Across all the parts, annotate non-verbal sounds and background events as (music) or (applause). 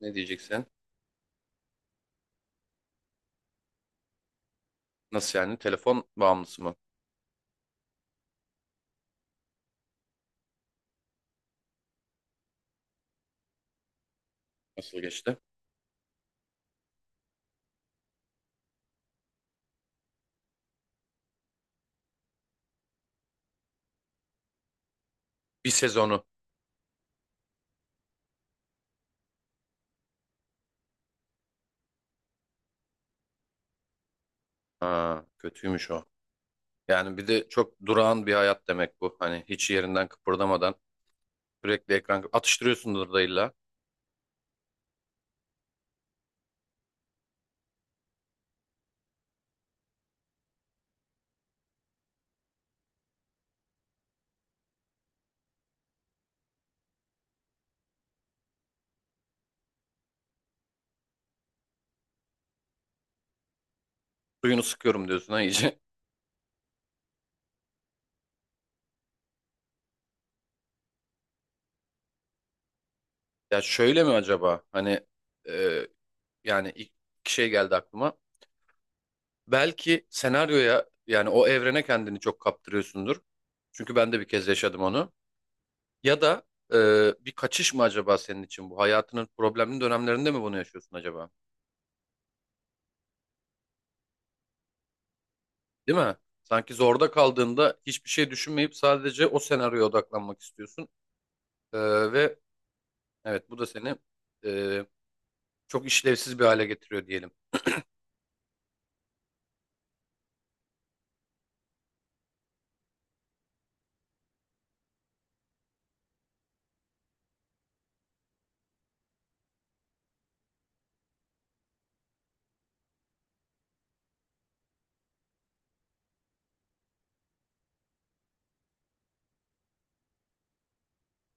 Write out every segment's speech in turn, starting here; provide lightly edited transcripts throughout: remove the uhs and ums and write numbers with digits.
Ne diyeceksin? Nasıl yani? Telefon bağımlısı mı? Nasıl geçti? Bir sezonu. Ha, kötüymüş o. Yani bir de çok durağan bir hayat demek bu. Hani hiç yerinden kıpırdamadan sürekli ekran atıştırıyorsundur da illa. Suyunu sıkıyorum diyorsun ha iyice. (laughs) Ya şöyle mi acaba? Hani e, yani ilk iki şey geldi aklıma. Belki senaryoya yani o evrene kendini çok kaptırıyorsundur. Çünkü ben de bir kez yaşadım onu. Ya da bir kaçış mı acaba senin için bu? Hayatının problemli dönemlerinde mi bunu yaşıyorsun acaba? Değil mi? Sanki zorda kaldığında hiçbir şey düşünmeyip sadece o senaryoya odaklanmak istiyorsun. E, ve evet bu da seni e, çok işlevsiz bir hale getiriyor diyelim.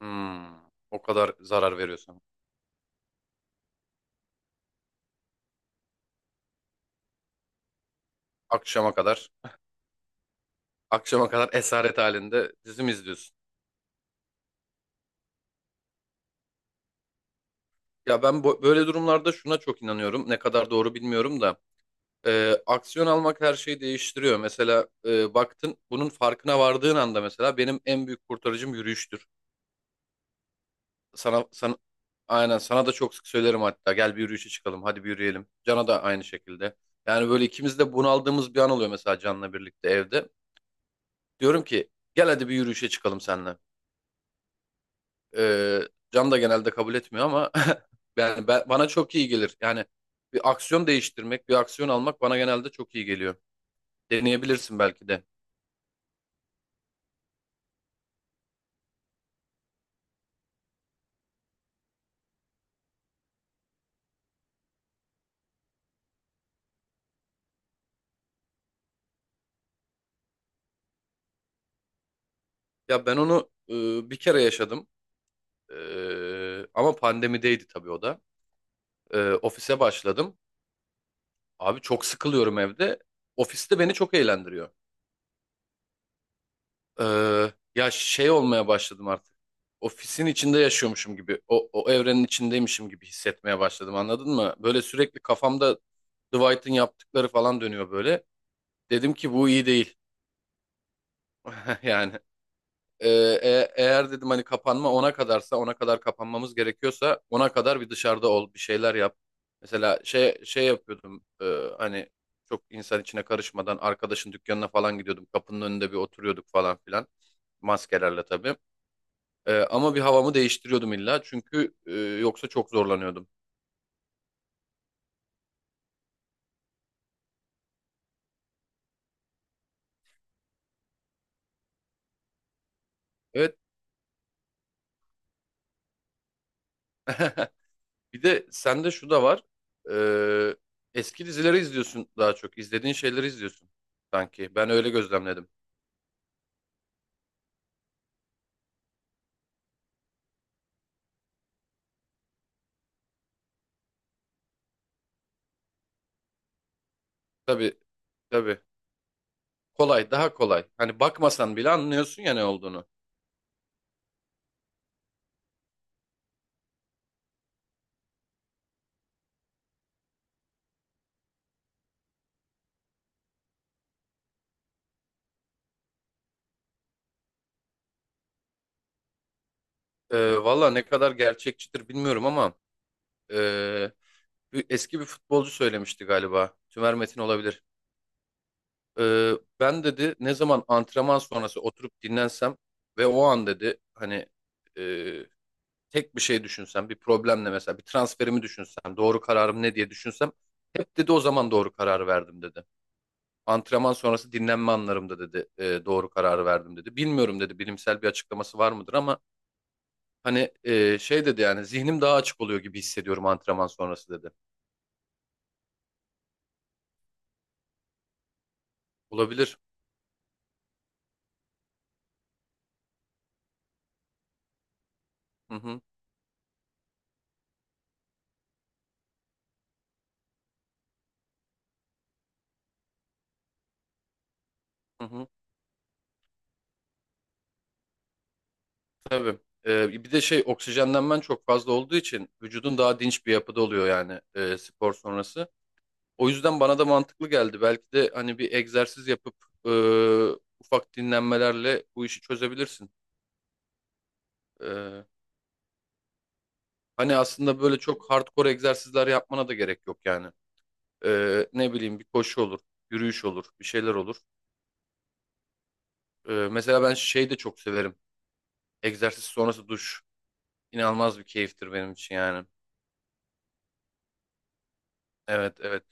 Hmm, O kadar zarar veriyorsun. Akşama kadar, akşama kadar esaret halinde dizi mi izliyorsun? Ya ben böyle durumlarda şuna çok inanıyorum. Ne kadar doğru bilmiyorum da. Aksiyon almak her şeyi değiştiriyor. Mesela baktın bunun farkına vardığın anda mesela benim en büyük kurtarıcım yürüyüştür. Sana aynen sana da çok sık söylerim hatta gel bir yürüyüşe çıkalım hadi bir yürüyelim. Can'a da aynı şekilde. Yani böyle ikimiz de bunaldığımız bir an oluyor mesela Can'la birlikte evde. Diyorum ki gel hadi bir yürüyüşe çıkalım seninle. E, Can da genelde kabul etmiyor ama (laughs) yani bana çok iyi gelir. Yani bir aksiyon değiştirmek, bir aksiyon almak bana genelde çok iyi geliyor. Deneyebilirsin belki de. Ya ben onu bir kere yaşadım. Ama pandemideydi tabii o da. Ofise başladım. Abi çok sıkılıyorum evde. Ofiste beni çok eğlendiriyor. E, Ya şey olmaya başladım artık. Ofisin içinde yaşıyormuşum gibi. O, o evrenin içindeymişim gibi hissetmeye başladım anladın mı? Böyle sürekli kafamda Dwight'ın yaptıkları falan dönüyor böyle. Dedim ki bu iyi değil. (laughs) Yani Ee, Eğer dedim hani kapanma ona kadarsa ona kadar kapanmamız gerekiyorsa ona kadar bir dışarıda ol bir şeyler yap. Mesela şey yapıyordum, hani çok insan içine karışmadan arkadaşın dükkanına falan gidiyordum. Kapının önünde bir oturuyorduk falan filan maskelerle tabii. Ama bir havamı değiştiriyordum illa çünkü yoksa çok zorlanıyordum. Evet, bir de sende şu da var. Eski dizileri izliyorsun, daha çok izlediğin şeyleri izliyorsun, sanki ben öyle gözlemledim. Tabii tabii. Kolay, daha kolay. Hani bakmasan bile anlıyorsun ya ne olduğunu. Valla ne kadar gerçekçidir bilmiyorum ama ee, eski bir futbolcu söylemişti galiba. Tümer Metin olabilir. Ee, Ben dedi ne zaman antrenman sonrası oturup dinlensem ve o an dedi hani ee, tek bir şey düşünsem, bir problemle mesela bir transferimi düşünsem, doğru kararım ne diye düşünsem hep dedi o zaman doğru karar verdim dedi. Antrenman sonrası dinlenme anlarımda dedi doğru kararı verdim dedi. Bilmiyorum dedi bilimsel bir açıklaması var mıdır ama hani şey dedi yani zihnim daha açık oluyor gibi hissediyorum antrenman sonrası dedi. Olabilir. Hı hı, hı hı. Tabii. Bir de şey, oksijenlenmen çok fazla olduğu için vücudun daha dinç bir yapıda oluyor yani spor sonrası. O yüzden bana da mantıklı geldi. Belki de hani bir egzersiz yapıp e, ufak dinlenmelerle bu işi çözebilirsin. E, Hani aslında böyle çok hardcore egzersizler yapmana da gerek yok yani. Ne bileyim bir koşu olur, yürüyüş olur, bir şeyler olur. Mesela ben şey de çok severim. Egzersiz sonrası duş inanılmaz bir keyiftir benim için yani. Evet evet.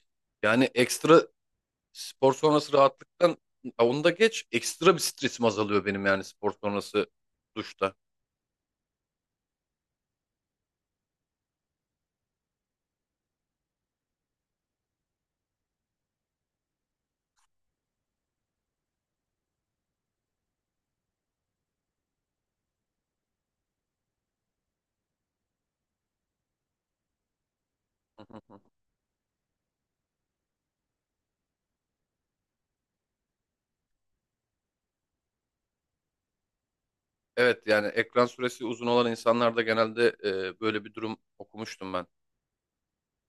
Yani ekstra spor sonrası rahatlıktan, ha, onu da geç. Ekstra bir stresim azalıyor benim yani spor sonrası duşta. (laughs) Hı hı hı. Evet, yani ekran süresi uzun olan insanlarda genelde böyle bir durum okumuştum ben.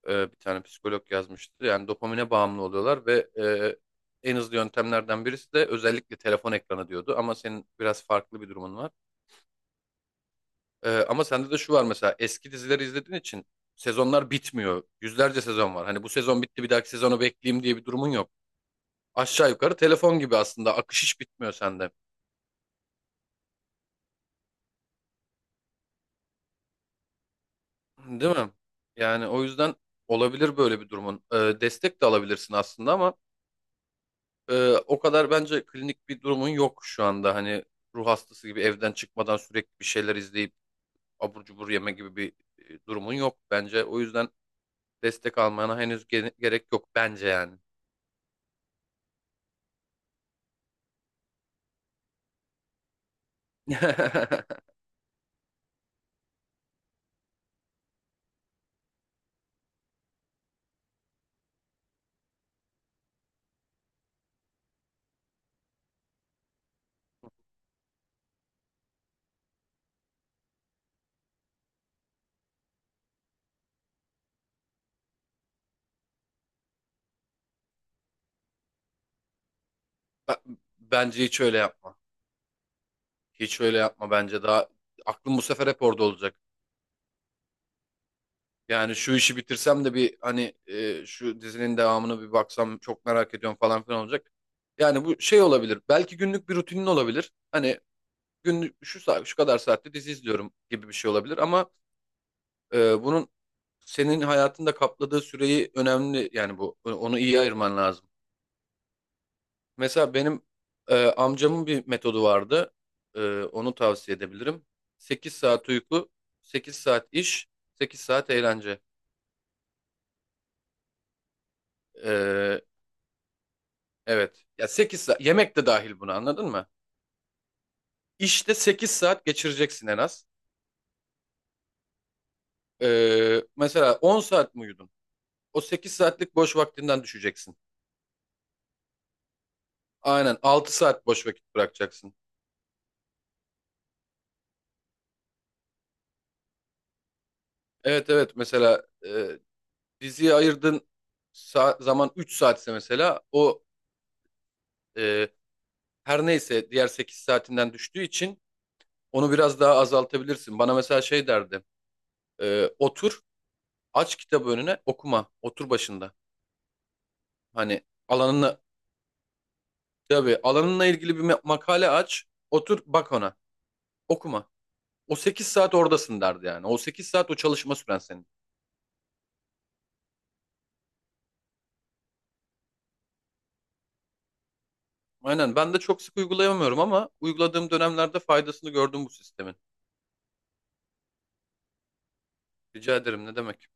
Bir tane psikolog yazmıştı. Yani dopamine bağımlı oluyorlar ve en hızlı yöntemlerden birisi de özellikle telefon ekranı diyordu. Ama senin biraz farklı bir durumun var. Ama sende de şu var mesela, eski dizileri izlediğin için sezonlar bitmiyor. Yüzlerce sezon var. Hani bu sezon bitti bir dahaki sezonu bekleyeyim diye bir durumun yok. Aşağı yukarı telefon gibi aslında akış hiç bitmiyor sende. Değil mi? Yani o yüzden olabilir böyle bir durumun. Destek de alabilirsin aslında ama o kadar bence klinik bir durumun yok şu anda. Hani ruh hastası gibi evden çıkmadan sürekli bir şeyler izleyip abur cubur yeme gibi bir durumun yok bence. O yüzden destek almana henüz gerek yok bence yani. (laughs) Bence hiç öyle yapma. Hiç öyle yapma bence daha. Aklım bu sefer hep orada olacak. Yani şu işi bitirsem de bir hani şu dizinin devamını bir baksam çok merak ediyorum falan filan olacak. Yani bu şey olabilir. Belki günlük bir rutinin olabilir. Hani günlük şu saat şu kadar saatte dizi izliyorum gibi bir şey olabilir ama bunun senin hayatında kapladığı süreyi önemli, yani bu, onu iyi ayırman lazım. Mesela benim amcamın bir metodu vardı. Onu tavsiye edebilirim. 8 saat uyku, 8 saat iş, 8 saat eğlence. E, evet. Ya 8 saat yemek de dahil buna anladın mı? İşte 8 saat geçireceksin en az. Mesela 10 saat mi uyudun? O 8 saatlik boş vaktinden düşeceksin. Aynen 6 saat boş vakit bırakacaksın. Evet evet, mesela diziye ayırdığın zaman 3 saatse mesela o, e, her neyse diğer 8 saatinden düştüğü için onu biraz daha azaltabilirsin. Bana mesela şey derdi. Otur, aç kitabı önüne, okuma. Otur başında. Hani alanına, tabii alanınla ilgili bir makale aç, otur bak ona. Okuma. O 8 saat oradasın derdi yani. O 8 saat o çalışma süren senin. Aynen ben de çok sık uygulayamıyorum ama uyguladığım dönemlerde faydasını gördüm bu sistemin. Rica ederim ne demek.